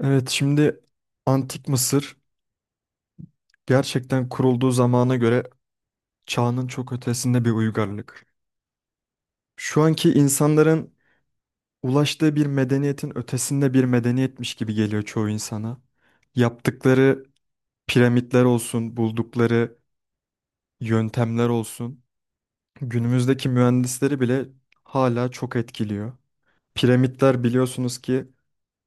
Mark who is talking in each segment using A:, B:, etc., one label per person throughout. A: Evet şimdi Antik Mısır gerçekten kurulduğu zamana göre çağının çok ötesinde bir uygarlık. Şu anki insanların ulaştığı bir medeniyetin ötesinde bir medeniyetmiş gibi geliyor çoğu insana. Yaptıkları piramitler olsun, buldukları yöntemler olsun, günümüzdeki mühendisleri bile hala çok etkiliyor. Piramitler biliyorsunuz ki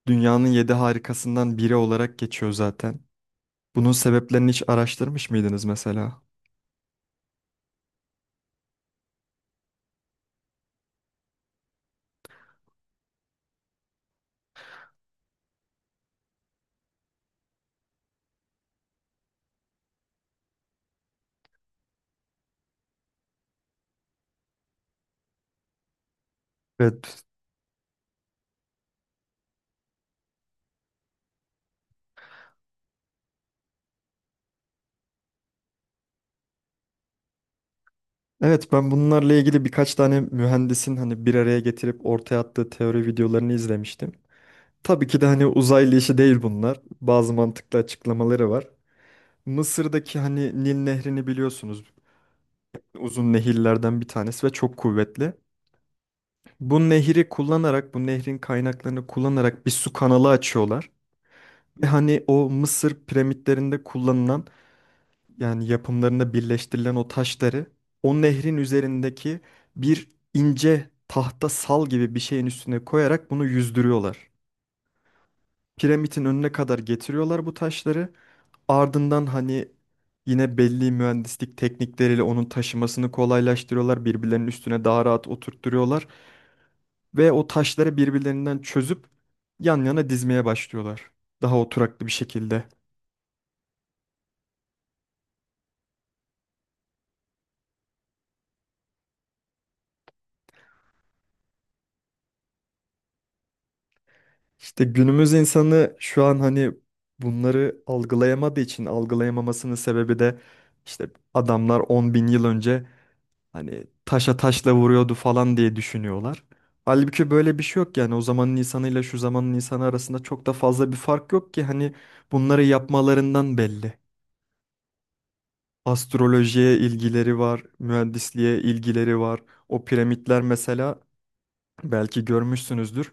A: dünyanın yedi harikasından biri olarak geçiyor zaten. Bunun sebeplerini hiç araştırmış mıydınız mesela? Evet. Evet, ben bunlarla ilgili birkaç tane mühendisin hani bir araya getirip ortaya attığı teori videolarını izlemiştim. Tabii ki de hani uzaylı işi değil bunlar. Bazı mantıklı açıklamaları var. Mısır'daki hani Nil Nehri'ni biliyorsunuz. Uzun nehirlerden bir tanesi ve çok kuvvetli. Bu nehri kullanarak, bu nehrin kaynaklarını kullanarak bir su kanalı açıyorlar. Ve hani o Mısır piramitlerinde kullanılan yani yapımlarında birleştirilen o taşları o nehrin üzerindeki bir ince tahta sal gibi bir şeyin üstüne koyarak bunu yüzdürüyorlar. Piramidin önüne kadar getiriyorlar bu taşları. Ardından hani yine belli mühendislik teknikleriyle onun taşımasını kolaylaştırıyorlar. Birbirlerinin üstüne daha rahat oturtturuyorlar ve o taşları birbirlerinden çözüp yan yana dizmeye başlıyorlar. Daha oturaklı bir şekilde. İşte günümüz insanı şu an hani bunları algılayamadığı için algılayamamasının sebebi de işte adamlar 10.000 yıl önce hani taşa taşla vuruyordu falan diye düşünüyorlar. Halbuki böyle bir şey yok yani o zamanın insanıyla şu zamanın insanı arasında çok da fazla bir fark yok ki hani bunları yapmalarından belli. Astrolojiye ilgileri var, mühendisliğe ilgileri var. O piramitler mesela belki görmüşsünüzdür.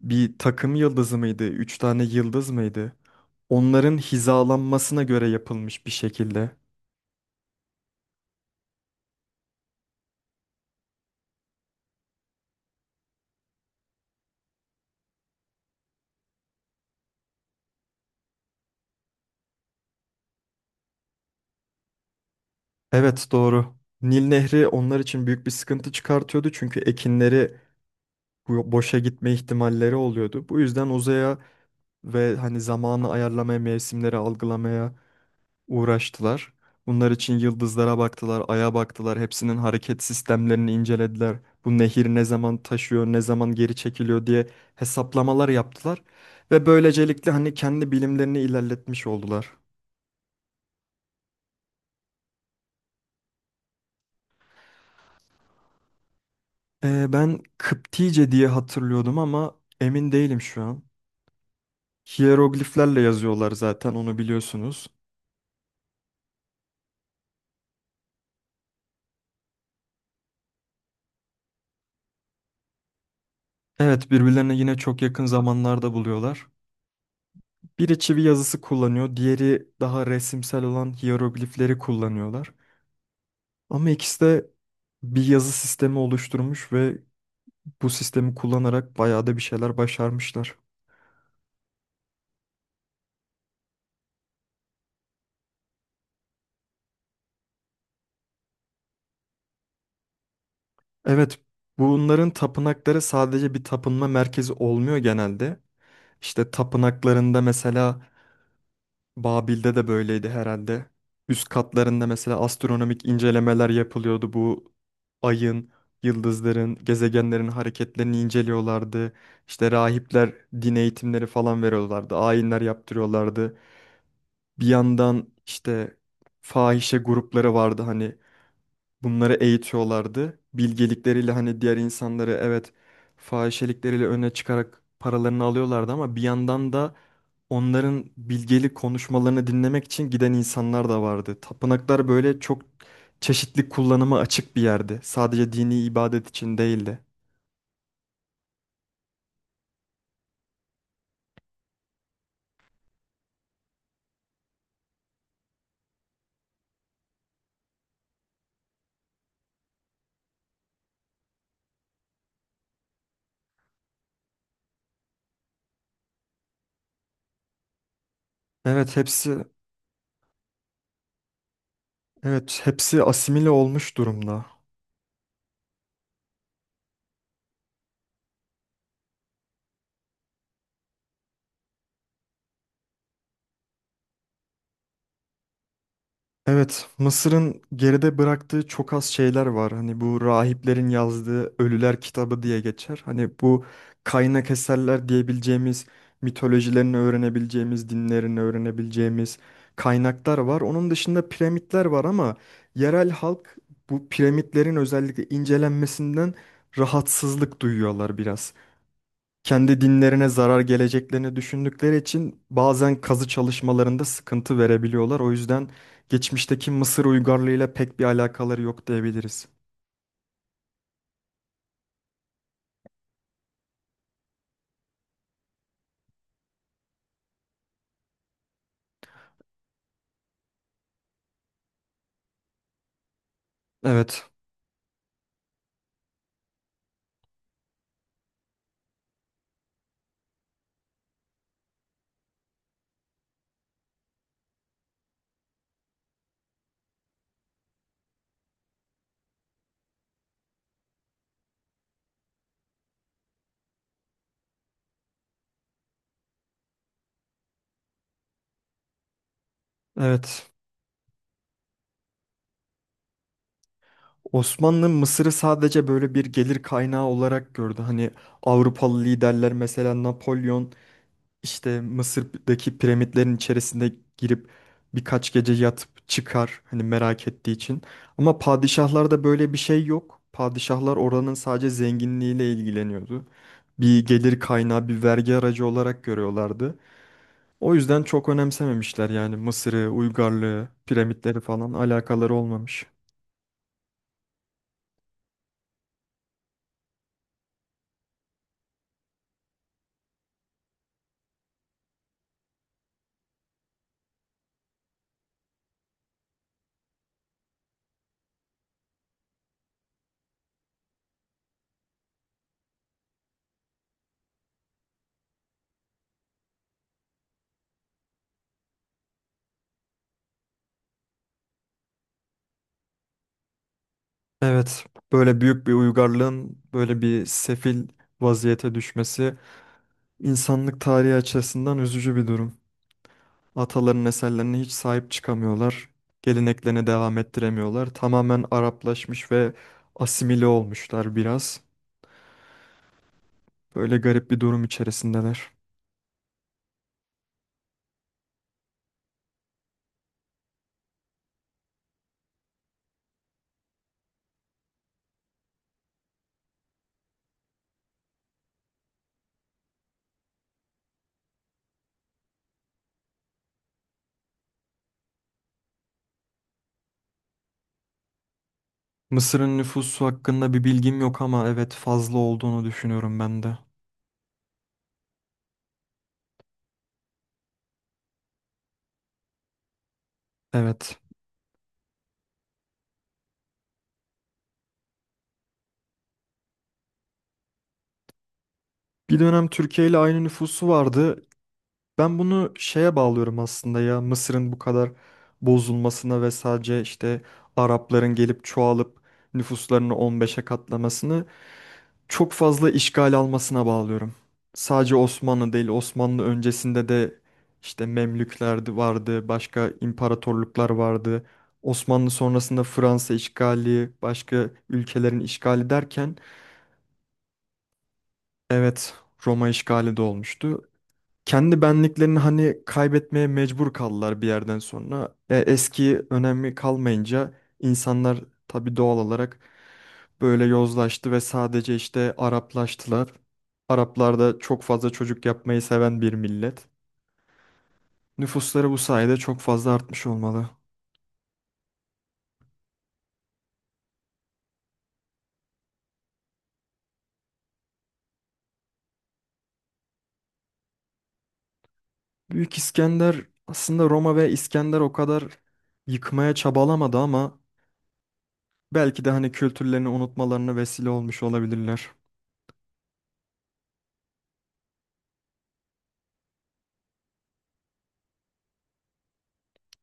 A: Bir takım yıldızı mıydı? Üç tane yıldız mıydı? Onların hizalanmasına göre yapılmış bir şekilde. Evet, doğru. Nil Nehri onlar için büyük bir sıkıntı çıkartıyordu çünkü ekinleri boşa gitme ihtimalleri oluyordu. Bu yüzden uzaya ve hani zamanı ayarlamaya, mevsimleri algılamaya uğraştılar. Bunlar için yıldızlara baktılar, aya baktılar, hepsinin hareket sistemlerini incelediler. Bu nehir ne zaman taşıyor, ne zaman geri çekiliyor diye hesaplamalar yaptılar ve böylecelikle hani kendi bilimlerini ilerletmiş oldular. Ben Kıptice diye hatırlıyordum ama emin değilim şu an. Hierogliflerle yazıyorlar zaten onu biliyorsunuz. Evet, birbirlerine yine çok yakın zamanlarda buluyorlar. Biri çivi yazısı kullanıyor, diğeri daha resimsel olan hieroglifleri kullanıyorlar. Ama ikisi de bir yazı sistemi oluşturmuş ve bu sistemi kullanarak bayağı da bir şeyler başarmışlar. Evet, bunların tapınakları sadece bir tapınma merkezi olmuyor genelde. İşte tapınaklarında mesela Babil'de de böyleydi herhalde. Üst katlarında mesela astronomik incelemeler yapılıyordu. Bu ayın, yıldızların, gezegenlerin hareketlerini inceliyorlardı. İşte rahipler din eğitimleri falan veriyorlardı. Ayinler yaptırıyorlardı. Bir yandan işte fahişe grupları vardı hani bunları eğitiyorlardı. Bilgelikleriyle hani diğer insanları evet fahişelikleriyle öne çıkarak paralarını alıyorlardı ama bir yandan da onların bilgelik konuşmalarını dinlemek için giden insanlar da vardı. Tapınaklar böyle çok çeşitli kullanıma açık bir yerdi. Sadece dini ibadet için değildi. Evet hepsi evet hepsi asimile olmuş durumda. Evet, Mısır'ın geride bıraktığı çok az şeyler var. Hani bu rahiplerin yazdığı Ölüler kitabı diye geçer. Hani bu kaynak eserler diyebileceğimiz, mitolojilerini öğrenebileceğimiz, dinlerini öğrenebileceğimiz kaynaklar var. Onun dışında piramitler var ama yerel halk bu piramitlerin özellikle incelenmesinden rahatsızlık duyuyorlar biraz kendi dinlerine zarar geleceklerini düşündükleri için bazen kazı çalışmalarında sıkıntı verebiliyorlar. O yüzden geçmişteki Mısır uygarlığıyla pek bir alakaları yok diyebiliriz. Evet, evet. Osmanlı Mısır'ı sadece böyle bir gelir kaynağı olarak gördü. Hani Avrupalı liderler, mesela Napolyon, İşte Mısır'daki piramitlerin içerisinde girip birkaç gece yatıp çıkar hani merak ettiği için. Ama padişahlarda böyle bir şey yok. Padişahlar oranın sadece zenginliğiyle ilgileniyordu. Bir gelir kaynağı, bir vergi aracı olarak görüyorlardı. O yüzden çok önemsememişler yani Mısır'ı, uygarlığı, piramitleri falan alakaları olmamış. Evet, böyle büyük bir uygarlığın böyle bir sefil vaziyete düşmesi insanlık tarihi açısından üzücü bir durum. Ataların eserlerine hiç sahip çıkamıyorlar. Geleneklerine devam ettiremiyorlar. Tamamen Araplaşmış ve asimile olmuşlar biraz. Böyle garip bir durum içerisindeler. Mısır'ın nüfusu hakkında bir bilgim yok ama evet fazla olduğunu düşünüyorum ben de. Evet. Bir dönem Türkiye ile aynı nüfusu vardı. Ben bunu şeye bağlıyorum aslında ya Mısır'ın bu kadar bozulmasına ve sadece işte Arapların gelip çoğalıp nüfuslarını 15'e katlamasını çok fazla işgal almasına bağlıyorum. Sadece Osmanlı değil, Osmanlı öncesinde de işte Memlükler de vardı, başka imparatorluklar vardı. Osmanlı sonrasında Fransa işgali, başka ülkelerin işgali derken evet Roma işgali de olmuştu kendi benliklerini hani kaybetmeye mecbur kaldılar bir yerden sonra. Eski önemi kalmayınca insanlar tabii doğal olarak böyle yozlaştı ve sadece işte Araplaştılar. Araplar da çok fazla çocuk yapmayı seven bir millet. Nüfusları bu sayede çok fazla artmış olmalı. Büyük İskender aslında Roma ve İskender o kadar yıkmaya çabalamadı ama belki de hani kültürlerini unutmalarına vesile olmuş olabilirler.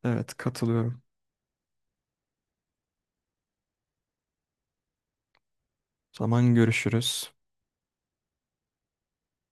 A: Evet, katılıyorum. Zaman görüşürüz.